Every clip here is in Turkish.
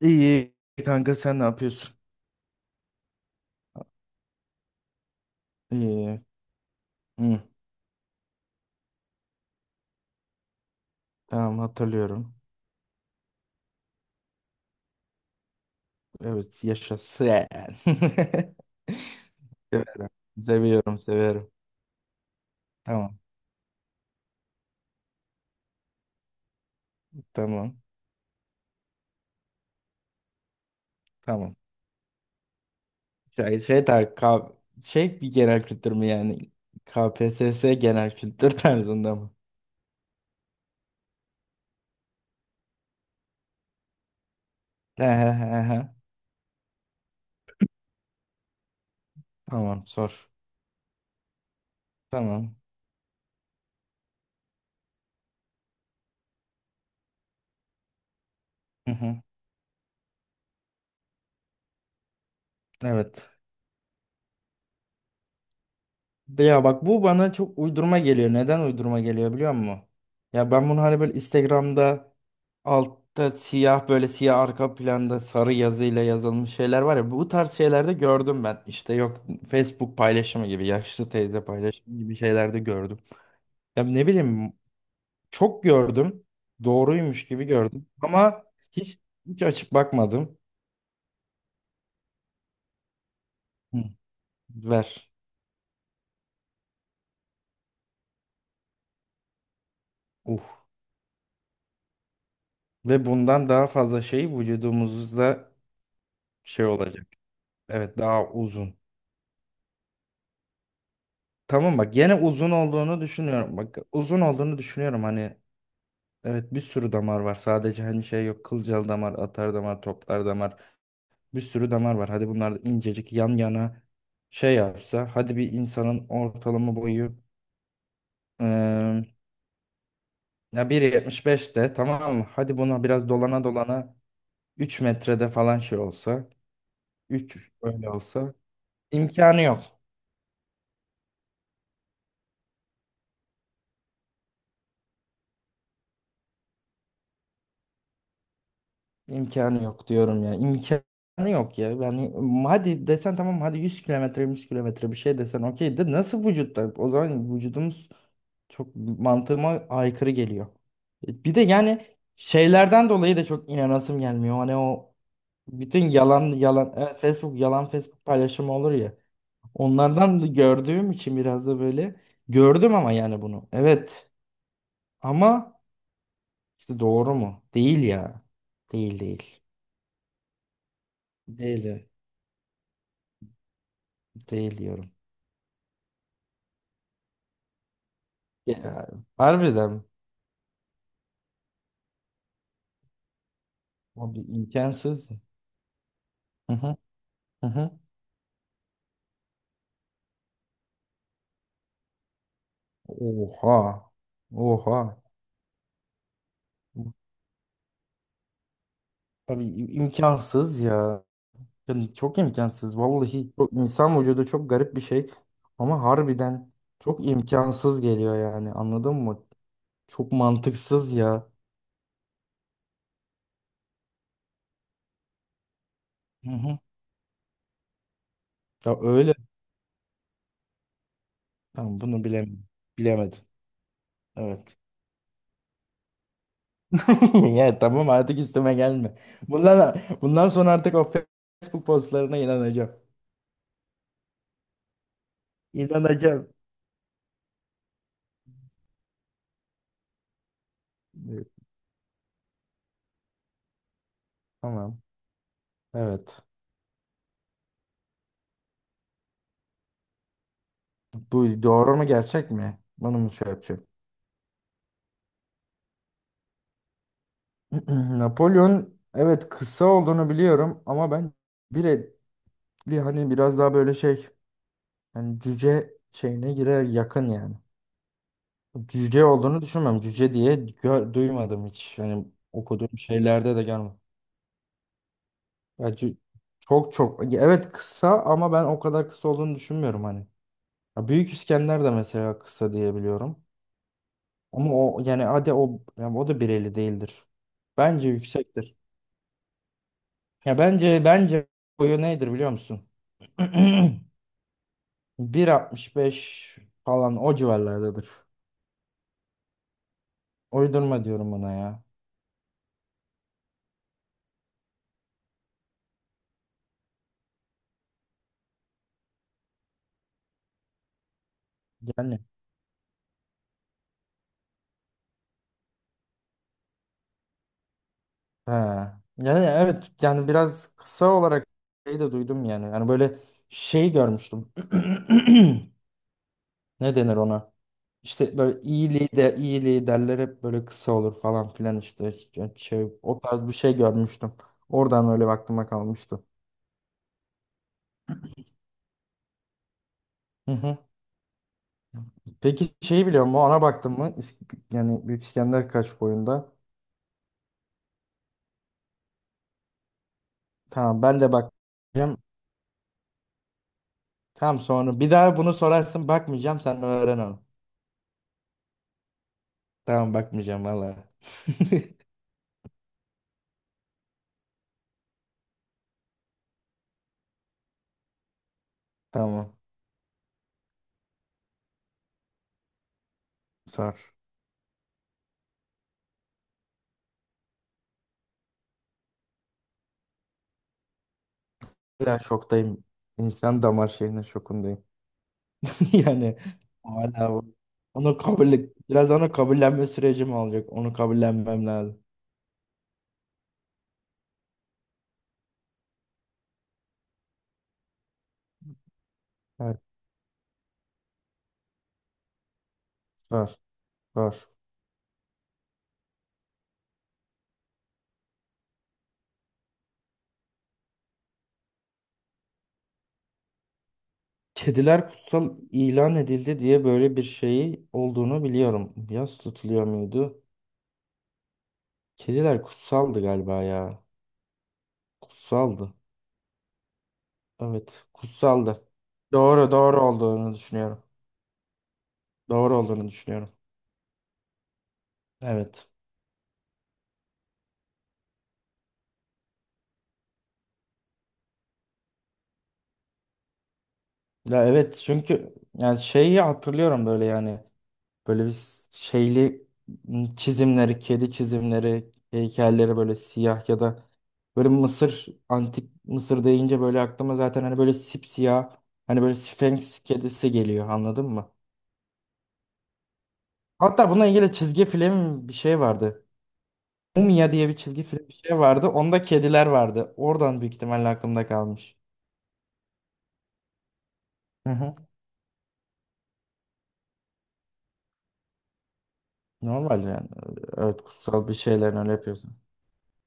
İyi kanka sen ne yapıyorsun? İyi. Hı, tamam hatırlıyorum. Evet, yaşasın. Severim. Seviyorum, seviyorum. Tamam, tamam, tamam. Tar K şey bir genel kültür mü yani? KPSS genel kültür tarzında mı? Ehe, ehe. Tamam, sor. Tamam. Hı hı. Evet. Ya bak, bu bana çok uydurma geliyor. Neden uydurma geliyor biliyor musun? Ya ben bunu hani böyle Instagram'da altta siyah, böyle siyah arka planda sarı yazıyla yazılmış şeyler var ya, bu tarz şeylerde gördüm ben. İşte yok, Facebook paylaşımı gibi, yaşlı teyze paylaşımı gibi şeylerde gördüm. Ya ne bileyim, çok gördüm. Doğruymuş gibi gördüm ama hiç hiç açıp bakmadım. Hı, ver. Uh. Ve bundan daha fazla şey vücudumuzda şey olacak. Evet, daha uzun. Tamam bak, gene uzun olduğunu düşünüyorum. Bak, uzun olduğunu düşünüyorum, hani evet, bir sürü damar var. Sadece hani şey yok, kılcal damar, atar damar, toplar damar. Bir sürü damar var. Hadi bunlar da incecik yan yana şey yapsa, hadi bir insanın ortalama boyu eee ya 1.75 de tamam mı? Hadi buna biraz dolana dolana 3 metrede falan şey olsa. 3 öyle olsa imkanı yok. İmkanı yok diyorum ya. İmkanı yok ya. Yani hadi desen tamam, hadi 100 kilometre, 100 kilometre bir şey desen okey, de nasıl vücutta? O zaman vücudumuz çok mantığıma aykırı geliyor. Bir de yani şeylerden dolayı da çok inanasım gelmiyor. Hani o bütün yalan yalan Facebook yalan, Facebook paylaşımı olur ya. Onlardan da gördüğüm için biraz da böyle gördüm ama yani bunu. Evet ama işte, doğru mu? Değil ya. Değil, değil. Değil. Değil diyorum. Ya, harbiden mi? Abi imkansız. Hı hı, hı hı. Oha. Oha. Abi imkansız ya. Yani çok imkansız. Vallahi çok, insan vücudu çok garip bir şey. Ama harbiden çok imkansız geliyor yani. Anladın mı? Çok mantıksız ya. Hı hı. Ya öyle. Tamam, bunu bilemedim. Bilemedim. Evet. Ya tamam, artık üstüme gelme. Bundan bundan sonra artık o Facebook postlarına inanacağım. İnanacağım. Evet. Tamam. Evet. Bu doğru mu, gerçek mi? Bunu mu şey yapacağım? Napolyon, evet kısa olduğunu biliyorum ama ben bir etli, hani biraz daha böyle şey, yani cüce şeyine girer yakın yani. Cüce olduğunu düşünmem. Duymadım hiç. Yani okuduğum şeylerde de görmedim. Ya cü- Çok çok, ya evet kısa ama ben o kadar kısa olduğunu düşünmüyorum hani. Ya, Büyük İskender de mesela kısa diye biliyorum. Ama o yani, hadi o yani o da 1.50 değildir. Bence yüksektir. Ya bence boyu nedir biliyor musun? 1.65 falan, o civarlardadır. Uydurma diyorum buna ya. Yani he. Yani evet, yani biraz kısa olarak şey de duydum yani. Yani böyle şey görmüştüm. Ne denir ona? İşte böyle iyi lider, iyi liderler hep böyle kısa olur falan filan işte. Şey, o tarz bir şey görmüştüm. Oradan öyle aklıma kalmıştı. Hı hı. Peki şeyi biliyor musun? Ona baktın mı? Yani Büyük İskender kaç boyunda? Tamam, ben de bakacağım. Tamam, sonra bir daha bunu sorarsın, bakmayacağım, sen öğren onu. Tamam, bakmayacağım valla. Tamam, sor. Ya şoktayım. İnsan damar şeyine şokundayım. Yani hala o- onu kabul, biraz onu kabullenme sürecim alacak. Onu kabullenmem lazım. Evet, var, var. Kediler kutsal ilan edildi diye böyle bir şeyi olduğunu biliyorum. Yas tutuluyor muydu? Kediler kutsaldı galiba ya. Kutsaldı. Evet, kutsaldı. Doğru, doğru olduğunu düşünüyorum. Doğru olduğunu düşünüyorum. Evet. Ya evet, çünkü yani şeyi hatırlıyorum böyle yani, böyle bir şeyli çizimleri, kedi çizimleri, heykelleri böyle siyah, ya da böyle Mısır, antik Mısır deyince böyle aklıma zaten hani böyle sipsiyah, hani böyle Sphinx kedisi geliyor, anladın mı? Hatta bununla ilgili çizgi film bir şey vardı. Mumya diye bir çizgi film bir şey vardı. Onda kediler vardı. Oradan büyük ihtimalle aklımda kalmış. Hı hı. Normal yani. Evet, kutsal bir şeyler öyle yapıyorsun.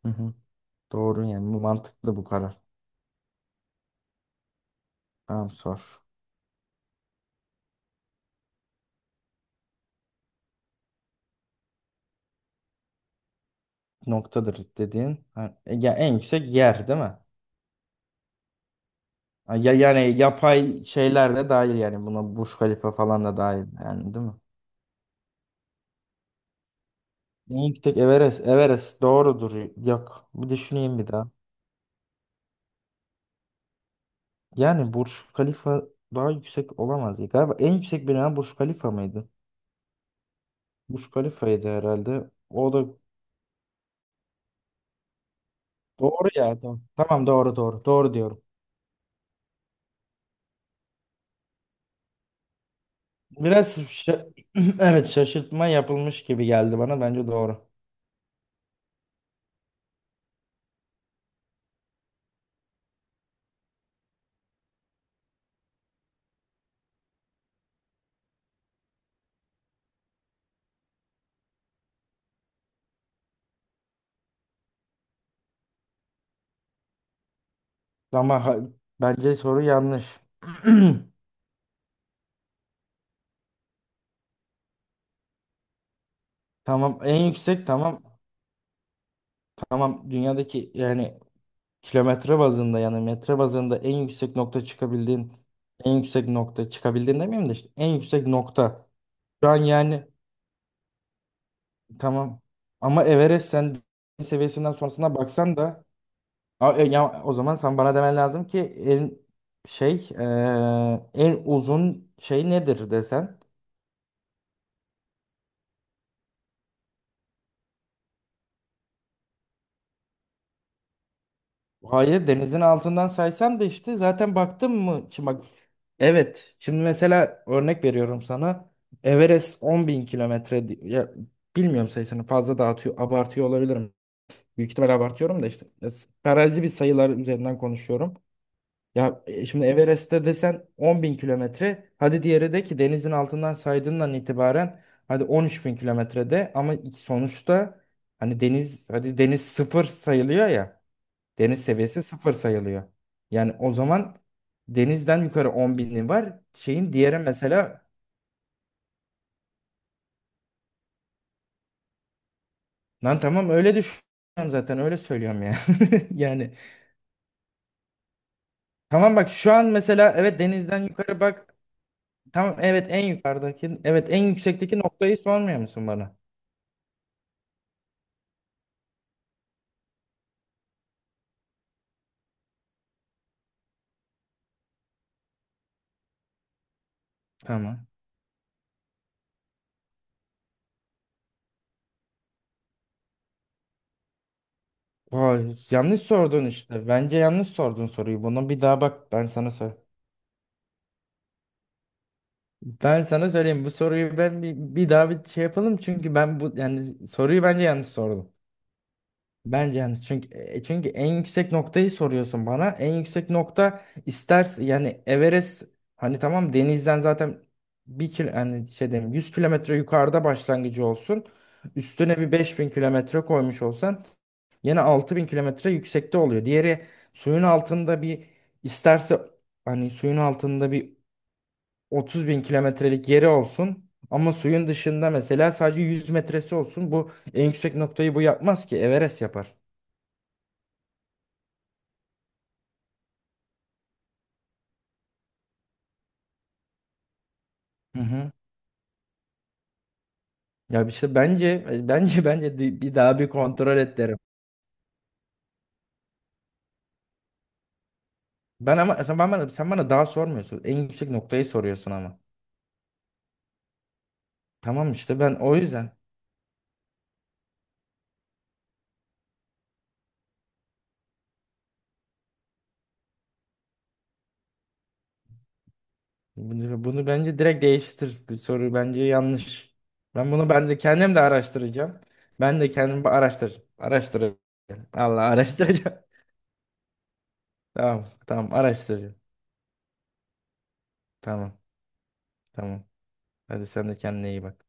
Hı hı. Doğru yani, bu mantıklı bu karar. Tamam, sor. Noktadır dediğin. Ha, ya en yüksek yer değil mi? Ha, ya, yani yapay şeyler de dahil yani, buna Burj Khalifa falan da dahil yani, değil mi? En yüksek Everest. Everest doğrudur. Yok. Bir düşüneyim bir daha. Yani Burj Khalifa daha yüksek olamaz. Galiba en yüksek bina Burj Khalifa mıydı? Burj Khalifa'ydı herhalde. O da doğru ya. Tamam, tamam, doğru doğru. Doğru diyorum. Biraz şa- evet, şaşırtma yapılmış gibi geldi bana. Bence doğru. Ama ha- Bence soru yanlış. Tamam, en yüksek tamam. Tamam, dünyadaki yani kilometre bazında, yani metre bazında en yüksek nokta çıkabildiğin, en yüksek nokta çıkabildiğin demeyeyim de, işte en yüksek nokta. Şu an yani tamam, ama Everest sen deniz seviyesinden sonrasına baksan da ya, o zaman sen bana demen lazım ki en şey en uzun şey nedir desen. Hayır, denizin altından saysan da işte zaten baktın mı? Şimdi bak, evet şimdi mesela örnek veriyorum sana, Everest 10 bin kilometre ya, bilmiyorum, sayısını fazla dağıtıyor, abartıyor olabilirim. Büyük ihtimal abartıyorum da işte ya, farazi bir sayılar üzerinden konuşuyorum. Ya şimdi Everest'te desen 10 bin kilometre, hadi diğeri de ki denizin altından saydığından itibaren hadi 13 bin kilometrede, ama sonuçta hani deniz, hadi deniz sıfır sayılıyor ya. Deniz seviyesi sıfır sayılıyor. Yani o zaman denizden yukarı 10 bini var. Şeyin diğeri mesela lan tamam, öyle düşünüyorum zaten öyle söylüyorum ya. Yani tamam bak, şu an mesela evet, denizden yukarı bak. Tamam evet, en yukarıdaki, evet en yüksekteki noktayı sormuyor musun bana? Tamam. Vay, yanlış sordun işte. Bence yanlış sordun soruyu. Bunu bir daha bak, ben sana sor. Ben sana söyleyeyim, bu soruyu ben bir, bir daha bir şey yapalım, çünkü ben bu, yani soruyu bence yanlış sordum. Bence yani çünkü çünkü en yüksek noktayı soruyorsun bana. En yüksek nokta istersen yani Everest, hani tamam denizden zaten bir kil yani şey diyeyim, 100 kilometre yukarıda başlangıcı olsun. Üstüne bir 5 bin kilometre koymuş olsan yine 6 bin kilometre yüksekte oluyor. Diğeri suyun altında bir isterse, hani suyun altında bir 30 bin kilometrelik yeri olsun. Ama suyun dışında mesela sadece 100 metresi olsun. Bu en yüksek noktayı bu yapmaz ki, Everest yapar. Hı hı. Ya işte bence bence bir daha bir kontrol et derim. Ben ama sen bana daha sormuyorsun. En yüksek noktayı soruyorsun ama. Tamam işte, ben o yüzden bunu bence direkt değiştir. Bu soru bence yanlış. Ben bunu, ben de kendim de araştıracağım. Ben de kendim araştır. Allah araştıracağım. Tamam, tamam araştıracağım. Tamam, tamam. Hadi sen de kendine iyi bak.